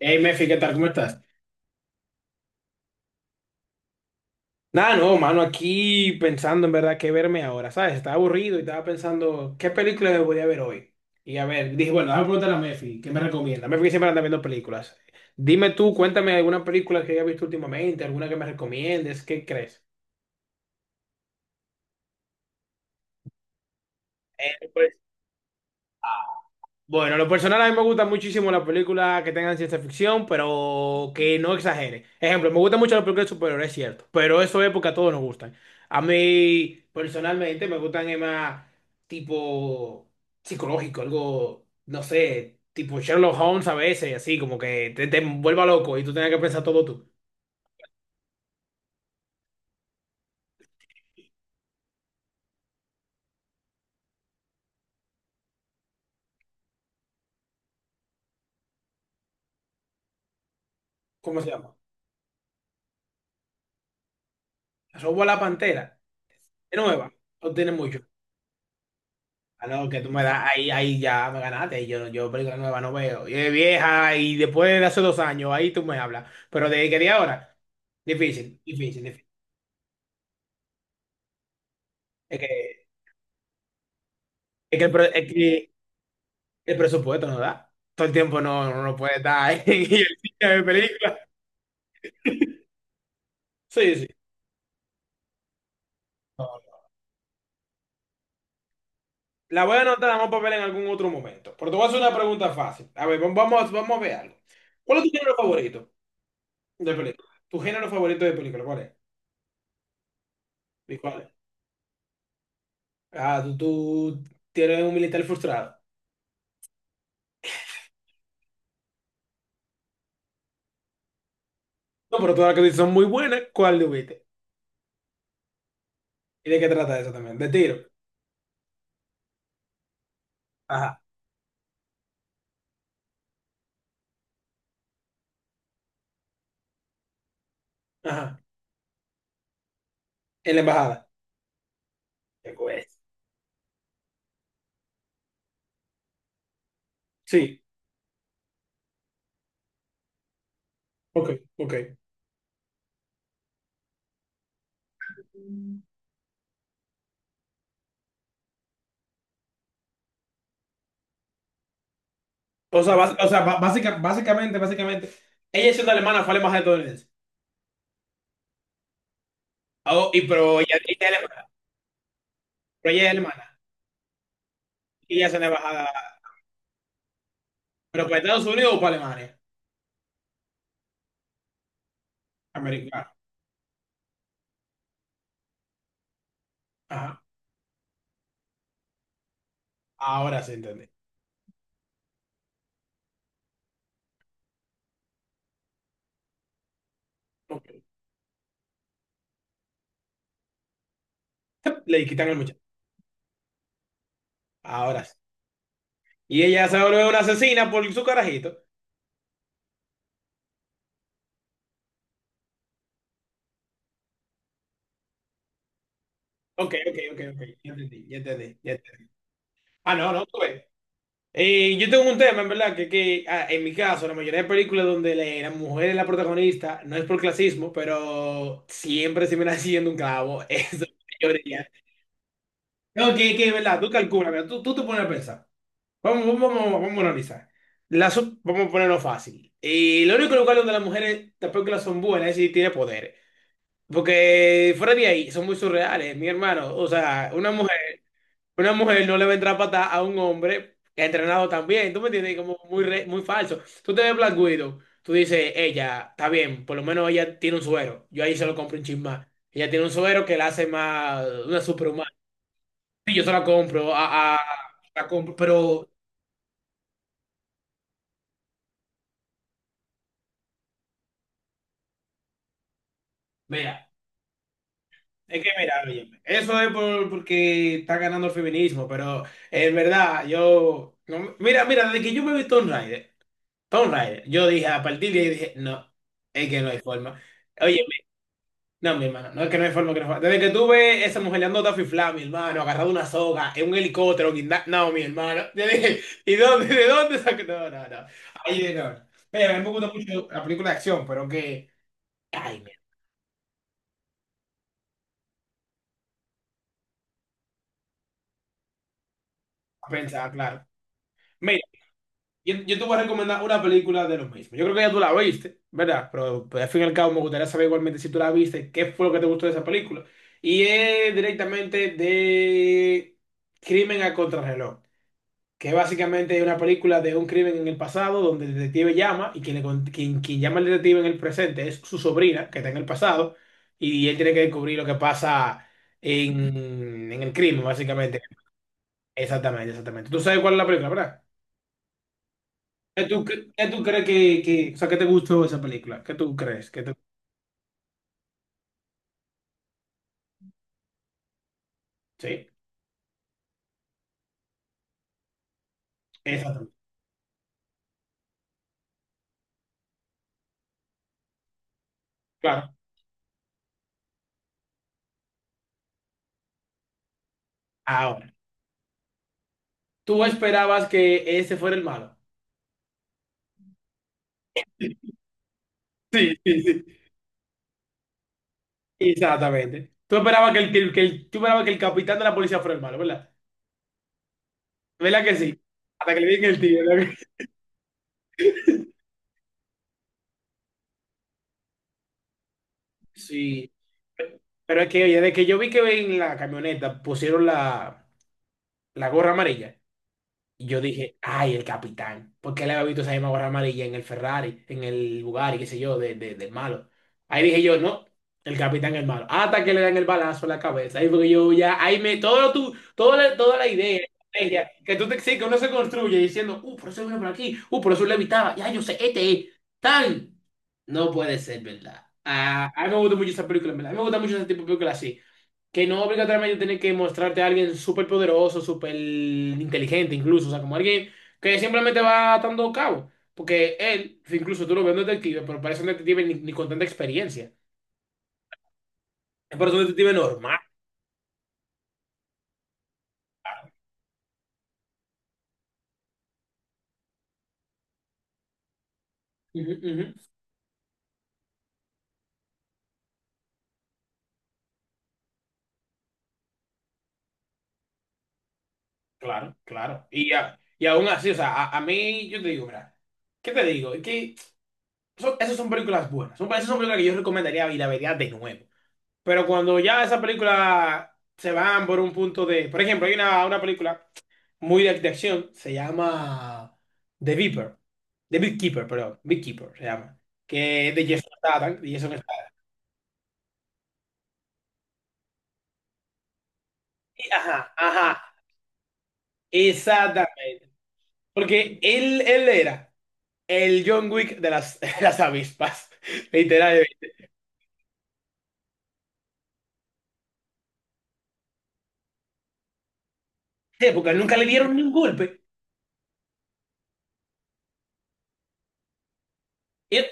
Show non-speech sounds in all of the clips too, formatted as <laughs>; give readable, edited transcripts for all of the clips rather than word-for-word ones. Hey, Mefi, ¿qué tal? ¿Cómo estás? Nada, no, mano, aquí pensando en verdad qué verme ahora, ¿sabes? Estaba aburrido y estaba pensando qué película me podía ver hoy. Y a ver, dije, bueno, déjame preguntarle a Mefi, ¿qué me recomienda? Mefi que siempre anda viendo películas. Dime tú, cuéntame alguna película que hayas visto últimamente, alguna que me recomiendes, ¿qué crees? Eh, Bueno, lo personal a mí me gustan muchísimo las películas que tengan ciencia ficción, pero que no exagere. Ejemplo, me gustan mucho las películas de superhéroes, es cierto, pero eso es porque a todos nos gustan. A mí, personalmente, me gustan más tipo psicológico, algo, no sé, tipo Sherlock Holmes a veces, así como que te vuelva loco y tú tengas que pensar todo tú. ¿Cómo se llama? Robo a la Pantera. Es nueva, no tiene mucho. Ah, no, que tú me das, ahí ya me ganaste. Y yo película nueva no veo. Y es vieja y después de hace 2 años, ahí tú me hablas. Pero de que de ahora, difícil, difícil, difícil. Es que, es que el presupuesto no da. Todo el tiempo no puede estar <laughs> en el cine de película. Sí, sí. No. La voy a anotar, la vamos a ver en algún otro momento. Pero te voy a hacer una pregunta fácil. A ver, vamos a ver algo. ¿Cuál es tu género favorito de película? ¿Tu género favorito de película? ¿Cuál es? ¿Y cuál es? Ah, tú tienes un militar frustrado. No, pero todas las que dices son muy buenas, ¿cuál le viste? ¿Y de qué trata eso también? De tiro. Ajá, ajá. En la embajada. Qué güey. Sí, ok, ok. O sea, básicamente, ella siendo alemana fue a la embajada estadounidense. Oh, y pero ella es alemana. Pero ella es alemana. Y ella es una embajada. ¿Pero para Estados Unidos o para Alemania? Americana. Ajá. Ahora sí entendí. Ok. <laughs> Le quitan el muchacho. Ahora sí. Y ella se vuelve una asesina por su carajito. Ok, ok, ok, ok. Ya entendí, ya entendí, ya entendí. Ah, no, no, tú ves. Yo tengo un tema, en verdad, que, en mi caso, la mayoría de películas donde la mujer es la protagonista, no es por clasismo, pero siempre se me está <laughs> haciendo un clavo. <laughs> Eso, la mayoría. No, que en verdad, tú calculas, mira, tú te pones a pensar. Vamos a analizar. Vamos a ponerlo fácil. Y lo único lugar donde las mujeres, las películas son buenas es si tiene poder. Porque fuera de ahí, son muy surreales, mi hermano. O sea, una mujer. Una mujer no le va a entrar a patada a un hombre que ha entrenado también, ¿tú me entiendes? Como muy falso. Tú te ves Black Widow, tú dices, ella, está bien, por lo menos ella tiene un suero. Yo ahí se lo compro un chin más. Ella tiene un suero que la hace más una superhumana. Sí, yo se la compro, la compro, pero vea, es que mira, óyeme, eso es porque está ganando el feminismo, pero en verdad, yo, no- mira, mira, desde que yo me vi Tomb Raider, Tomb Raider, yo dije, a partir de ahí dije, no, es que no hay forma. Oye, no, mi hermano, no es que no hay forma que no fa- desde que tuve esa mujer le Taffy Flam, mi hermano, agarrado una soga, en un helicóptero, no, mi hermano. <laughs> Yo dije, ¿y de dónde sacó? No, no, no. Ay, no. Mira, a mí me gusta mucho la película de acción, pero que. Ay, mira, pensaba, claro. Mira, yo te voy a recomendar una película de lo mismo. Yo creo que ya tú la viste, ¿verdad? Pero pues, al fin y al cabo me gustaría saber igualmente si tú la viste, qué fue lo que te gustó de esa película. Y es directamente de Crimen a Contrarreloj, que básicamente es básicamente una película de un crimen en el pasado donde el detective llama y quien, le con- quien, quien llama al detective en el presente es su sobrina que está en el pasado, y él tiene que descubrir lo que pasa en el crimen, básicamente. Exactamente, exactamente. ¿Tú sabes cuál es la película, verdad? ¿Qué tú crees que, o sea, ¿qué te gustó esa película? ¿Qué tú crees? Sí, exactamente. Claro. Ahora, ¿tú esperabas que ese fuera el malo? Sí, sí, sí. Exactamente. Tú esperabas que el, que el, que el- tú esperabas que el capitán de la policía fuera el malo, ¿verdad? ¿Verdad que sí? Hasta que le digan el tío. Sí. Pero es que, oye, de que yo vi que en la camioneta pusieron la gorra amarilla, y yo dije, ay, el capitán. Porque él había visto esa misma gorra amarilla en el Ferrari, en el Bugatti, qué sé yo, del malo. Ahí dije yo, no, el capitán es el malo. Hasta que le dan el balazo en la cabeza. Ahí porque yo ya, ahí me, todo lo tu, todo la- toda la idea, la estrategia, que tú te sí, que uno se construye diciendo, por eso vino por aquí, por eso le evitaba, ya yo sé, este es, tan. No puede ser, ¿verdad? Ah, a mí me gusta mucho esa película, ¿verdad? A mí me gusta mucho ese tipo de películas así. Que no obligatoriamente tiene que mostrarte a alguien súper poderoso, súper inteligente incluso, o sea, como alguien que simplemente va atando cabo. Porque él, incluso tú lo ves en detective, pero parece un detective ni con tanta experiencia. Parece un detective normal. Ujú, ujú. Claro, claro. Y aún así, o sea, a mí, yo te digo, mira, ¿qué te digo? Esas son películas buenas. Esas son películas que yo recomendaría y la vería de nuevo. Pero cuando ya esas películas se van por un punto de... Por ejemplo, hay una película muy de acción, se llama The Viper. The Beekeeper, perdón. Beekeeper se llama. Que es de Jason Statham. Ajá, ajá. Exactamente. Porque él era el John Wick de las, <laughs> de las avispas. Literalmente. Sí, porque nunca le dieron ni un golpe. Y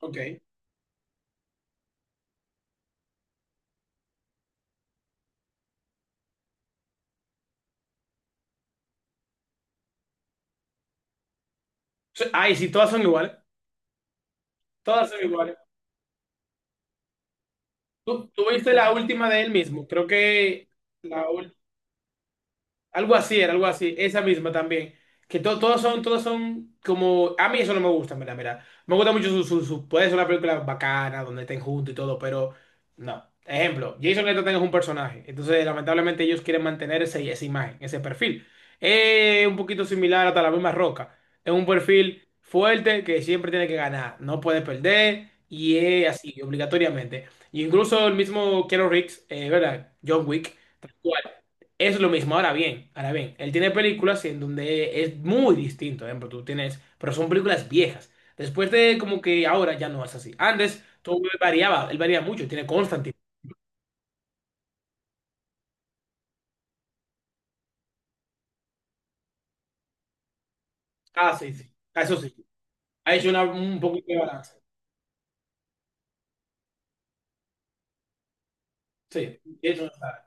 ok. Ay, sí, todas son iguales. Todas son iguales. Tú viste la última de él mismo. Creo que la Algo así era, algo así, esa misma también. Que todos son como. A mí eso no me gusta, mira, mira. Me gusta mucho puede ser una película bacana, donde estén juntos y todo, pero no. Ejemplo, Jason Statham es un personaje. Entonces, lamentablemente, ellos quieren mantener ese, esa imagen, ese perfil. Es un poquito similar hasta la misma Roca. Es un perfil fuerte que siempre tiene que ganar, no puede perder, y es así, obligatoriamente. Y incluso el mismo Keanu Reeves, ¿verdad? John Wick. Tal cual. Es lo mismo, ahora bien, él tiene películas en donde es muy distinto, por ejemplo, tú tienes, pero son películas viejas. Después de como que ahora ya no es así. Antes todo variaba, él varía mucho, tiene Constantine. Ah, sí, sí. Ah, eso sí. Ha hecho un poco de balance. Sí, eso no está.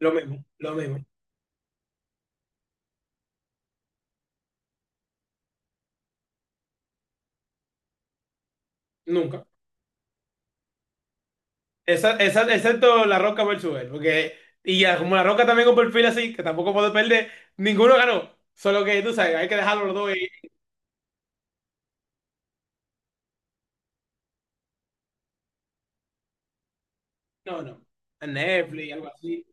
Lo mismo, lo mismo. Nunca. Excepto La Roca versus él, porque y ya, como La Roca también con perfil así, que tampoco puedo perder, ninguno ganó. Solo que tú sabes, hay que dejarlo los dos y no, no. En Netflix, algo así.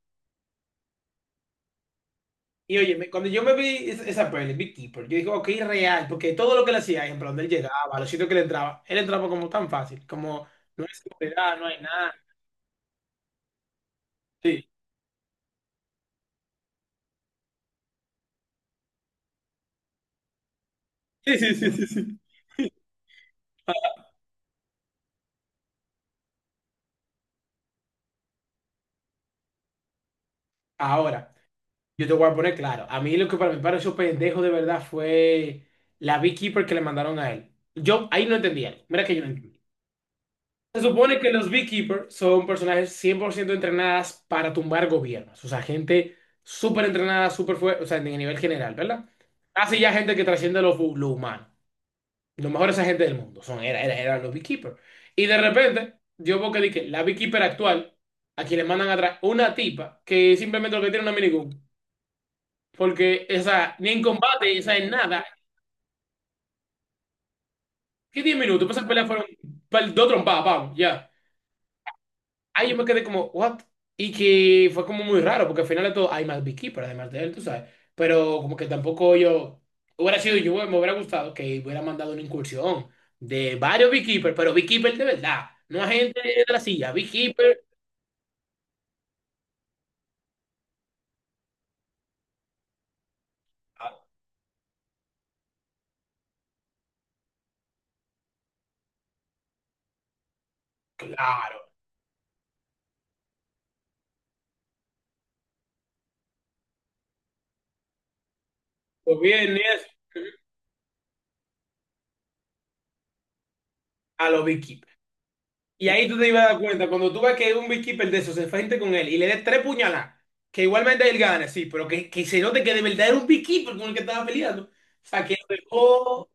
Y oye, cuando yo me vi esa peli, Beekeeper, yo dije, ok, real, porque todo lo que le hacía, ejemplo, donde él llegaba, los sitios que le entraba, él entraba como tan fácil, como no hay seguridad, no hay nada. Sí, sí, sí, sí, sí, sí. Ahora, yo te voy a poner claro, a mí lo que para mí pareció pendejo de verdad fue la Beekeeper que le mandaron a él. Yo ahí no entendía, mira que yo no entendía. Se supone que los Beekeepers son personajes 100% entrenadas para tumbar gobiernos. O sea, gente súper entrenada, súper fuerte, o sea, en el nivel general, ¿verdad? Así ya gente que trasciende lo humano. Los mejores agentes del mundo son, eran los Beekeepers. Y de repente, yo veo que di que la Beekeeper actual, a quien le mandan atrás una tipa que simplemente lo que tiene es una minigun. Porque esa, ni en combate, esa en nada. ¿Qué 10 minutos? Pues esa pelea fueron dos trompadas, vamos, ya. Ay, yo me quedé como, ¿what? Y que fue como muy raro, porque al final de todo hay más Beekeeper, además de él, tú sabes. Pero como que tampoco yo, hubiera sido yo, me hubiera gustado que hubiera mandado una incursión de varios Beekeeper, pero Beekeeper de verdad, no a gente de la silla, Beekeeper, ah, claro, pues bien, y eso, a los Beekeeper. Y ahí tú te ibas a dar cuenta, cuando tú ves que un Beekeeper de esos se enfrente con él y le des tres puñaladas, que igualmente él gane, sí, pero que se note que de verdad era un Beekeeper con el que estaba peleando. O sea, que lo dejó.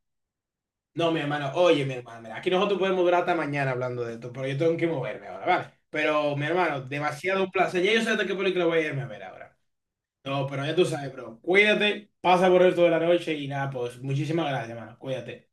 No, mi hermano, oye, mi hermano, mira, aquí nosotros podemos durar hasta mañana hablando de esto, pero yo tengo que moverme ahora, ¿vale? Pero, mi hermano, demasiado un placer. Ya yo sé hasta qué película voy a irme a ver ahora. No, pero ya tú sabes, bro. Cuídate, pasa por el resto de la noche y nada, pues muchísimas gracias, hermano. Cuídate.